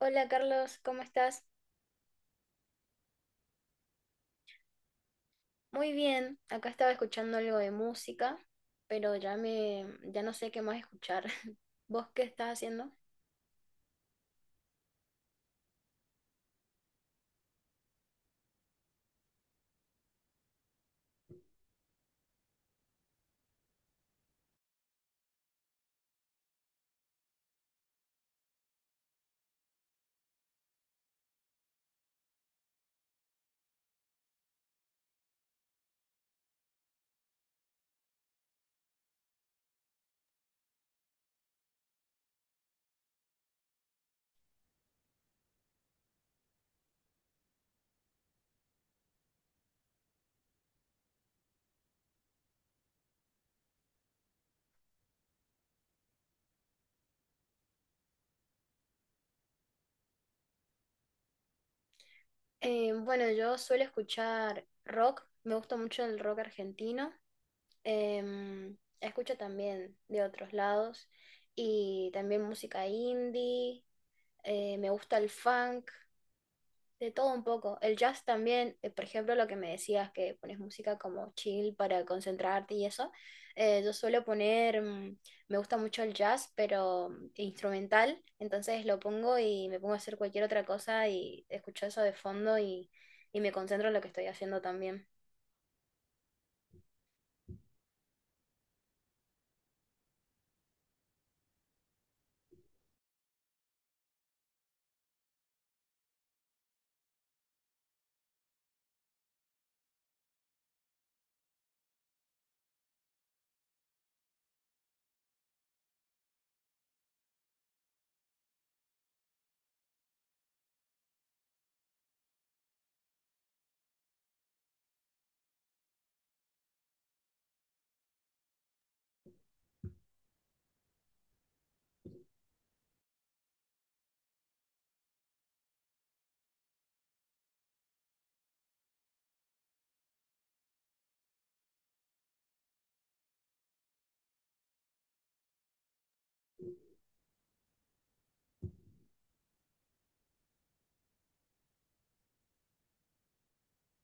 Hola Carlos, ¿cómo estás? Muy bien, acá estaba escuchando algo de música, pero ya no sé qué más escuchar. ¿Vos qué estás haciendo? Bueno, yo suelo escuchar rock, me gusta mucho el rock argentino. Em, Escucho también de otros lados y también música indie, me gusta el funk. De todo un poco. El jazz también. Por ejemplo, lo que me decías, que pones música como chill para concentrarte y eso. Yo suelo poner, me gusta mucho el jazz, pero instrumental. Entonces lo pongo y me pongo a hacer cualquier otra cosa y escucho eso de fondo, y me concentro en lo que estoy haciendo también.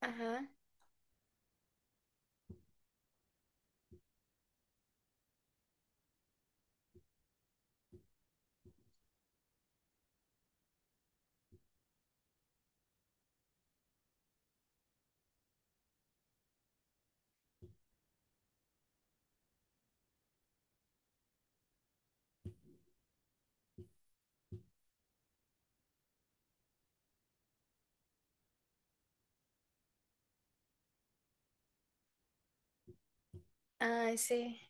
Ajá. Ay, sí.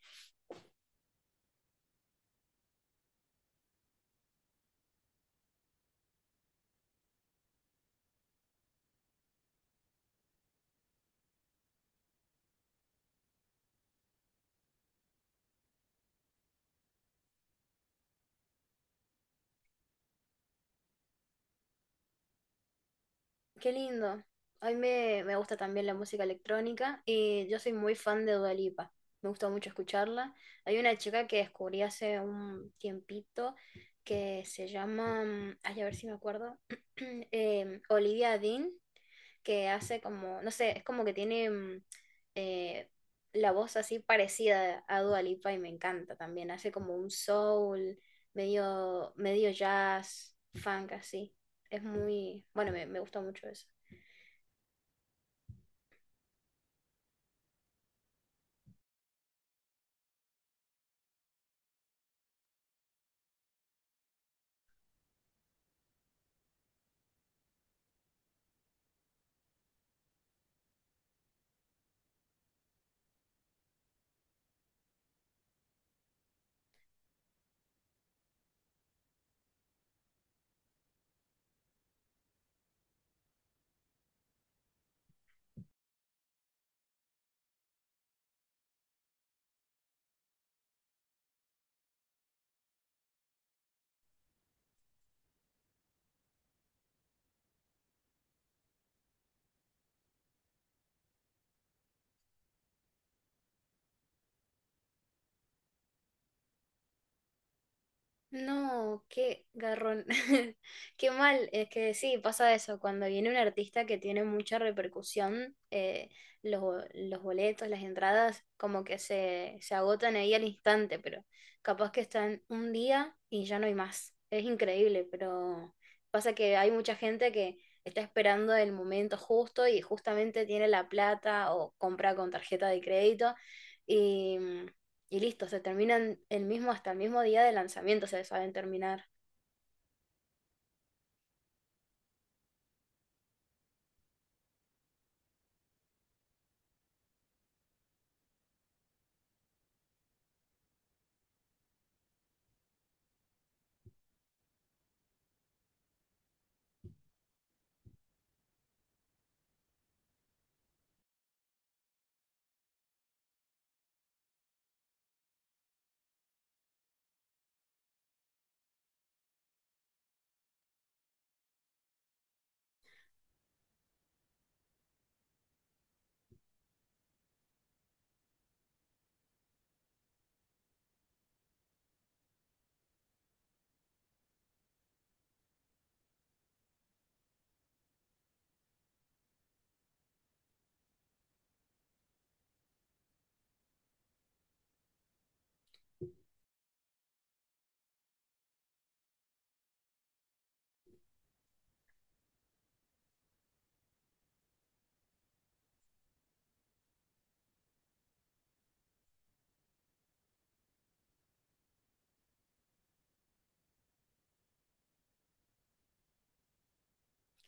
Qué lindo. A mí me gusta también la música electrónica y yo soy muy fan de Dua Lipa. Me gusta mucho escucharla. Hay una chica que descubrí hace un tiempito que se llama, ay, a ver si me acuerdo. Olivia Dean, que hace como, no sé, es como que tiene eh, la voz así parecida a Dua Lipa y me encanta también. Hace como un soul, medio jazz, funk así. Es muy, bueno, me gusta mucho eso. No, qué garrón. Qué mal, es que sí, pasa eso. Cuando viene un artista que tiene mucha repercusión, los boletos, las entradas, como que se agotan ahí al instante, pero capaz que están un día y ya no hay más. Es increíble, pero pasa que hay mucha gente que está esperando el momento justo y justamente tiene la plata o compra con tarjeta de crédito y listo, se terminan el mismo, hasta el mismo día de lanzamiento, se saben terminar.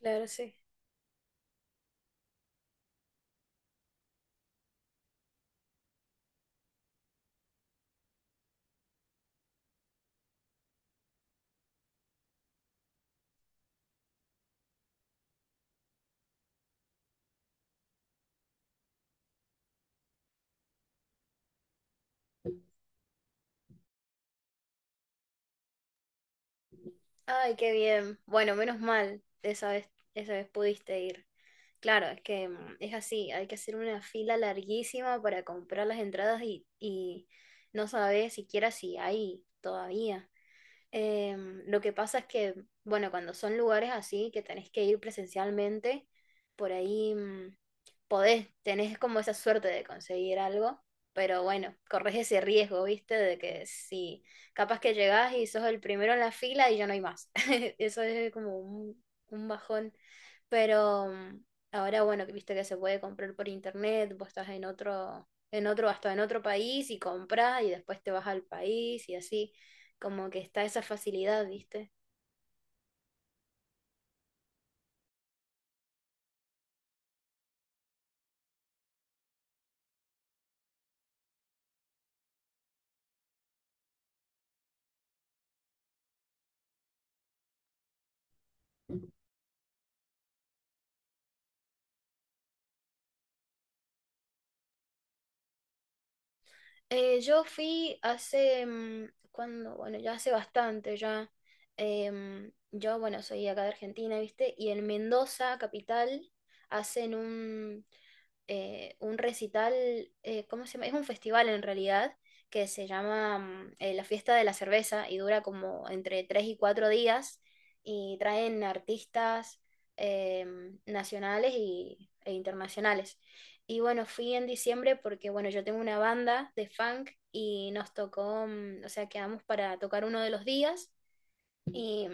Claro, sí. Ay, qué bien. Bueno, menos mal, esa vez pudiste ir. Claro, es que es así, hay que hacer una fila larguísima para comprar las entradas, y no sabes siquiera si hay todavía. Eh, lo que pasa es que, bueno, cuando son lugares así que tenés que ir presencialmente, por ahí tenés como esa suerte de conseguir algo, pero bueno, corres ese riesgo, ¿viste? De que si capaz que llegás y sos el primero en la fila y ya no hay más. Eso es como un bajón. Pero ahora, bueno, que viste que se puede comprar por internet, vos estás en otro, hasta en otro país y compras y después te vas al país y así, como que está esa facilidad, ¿viste? Yo fui hace, cuando, bueno, ya hace bastante, ya. Yo, bueno, soy acá de Argentina, ¿viste? Y en Mendoza, capital, hacen un, un recital. ¿Cómo se llama? Es un festival en realidad que se llama La Fiesta de la Cerveza y dura como entre 3 y 4 días y traen artistas nacionales e internacionales. Y bueno, fui en diciembre porque, bueno, yo tengo una banda de funk y nos tocó, o sea, quedamos para tocar uno de los días y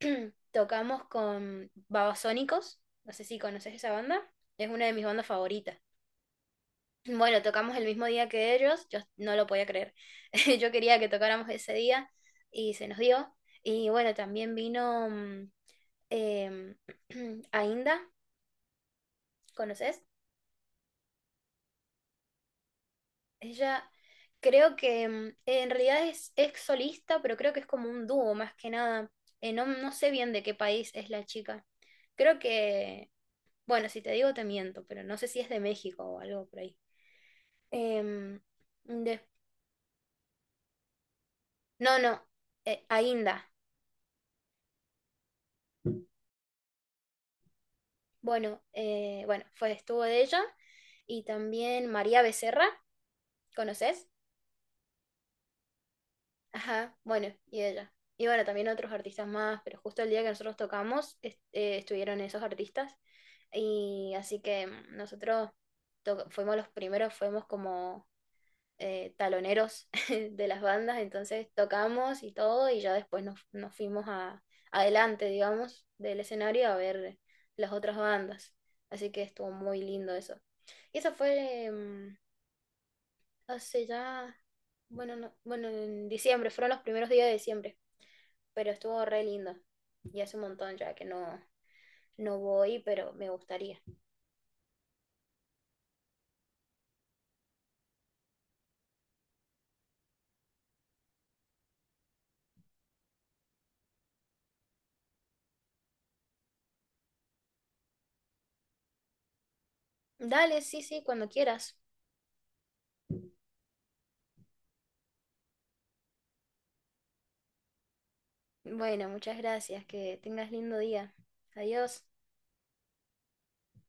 tocamos con Babasónicos, no sé si conoces esa banda, es una de mis bandas favoritas. Bueno, tocamos el mismo día que ellos, yo no lo podía creer. Yo quería que tocáramos ese día y se nos dio. Y bueno, también vino em, Ainda, ¿conoces? Ella creo que, en realidad es ex solista, pero creo que es como un dúo más que nada. No, no sé bien de qué país es la chica. Creo que, bueno, si te digo te miento, pero no sé si es de México o algo por ahí. Em, de- no, no, Ainda. Bueno, bueno, fue, estuvo de ella, y también María Becerra, ¿conoces? Ajá, bueno, y ella. Y bueno, también otros artistas más, pero justo el día que nosotros tocamos estuvieron esos artistas. Y así que nosotros fuimos los primeros, fuimos como taloneros de las bandas, entonces tocamos y todo, y ya después nos fuimos adelante, digamos, del escenario a ver las otras bandas. Así que estuvo muy lindo eso. Y eso fue hace ya, bueno, bueno, en diciembre, fueron los primeros días de diciembre, pero estuvo re lindo. Y hace un montón ya que no, no voy, pero me gustaría. Dale, sí, sí, cuando quieras. Bueno, muchas gracias, que tengas lindo día. Adiós.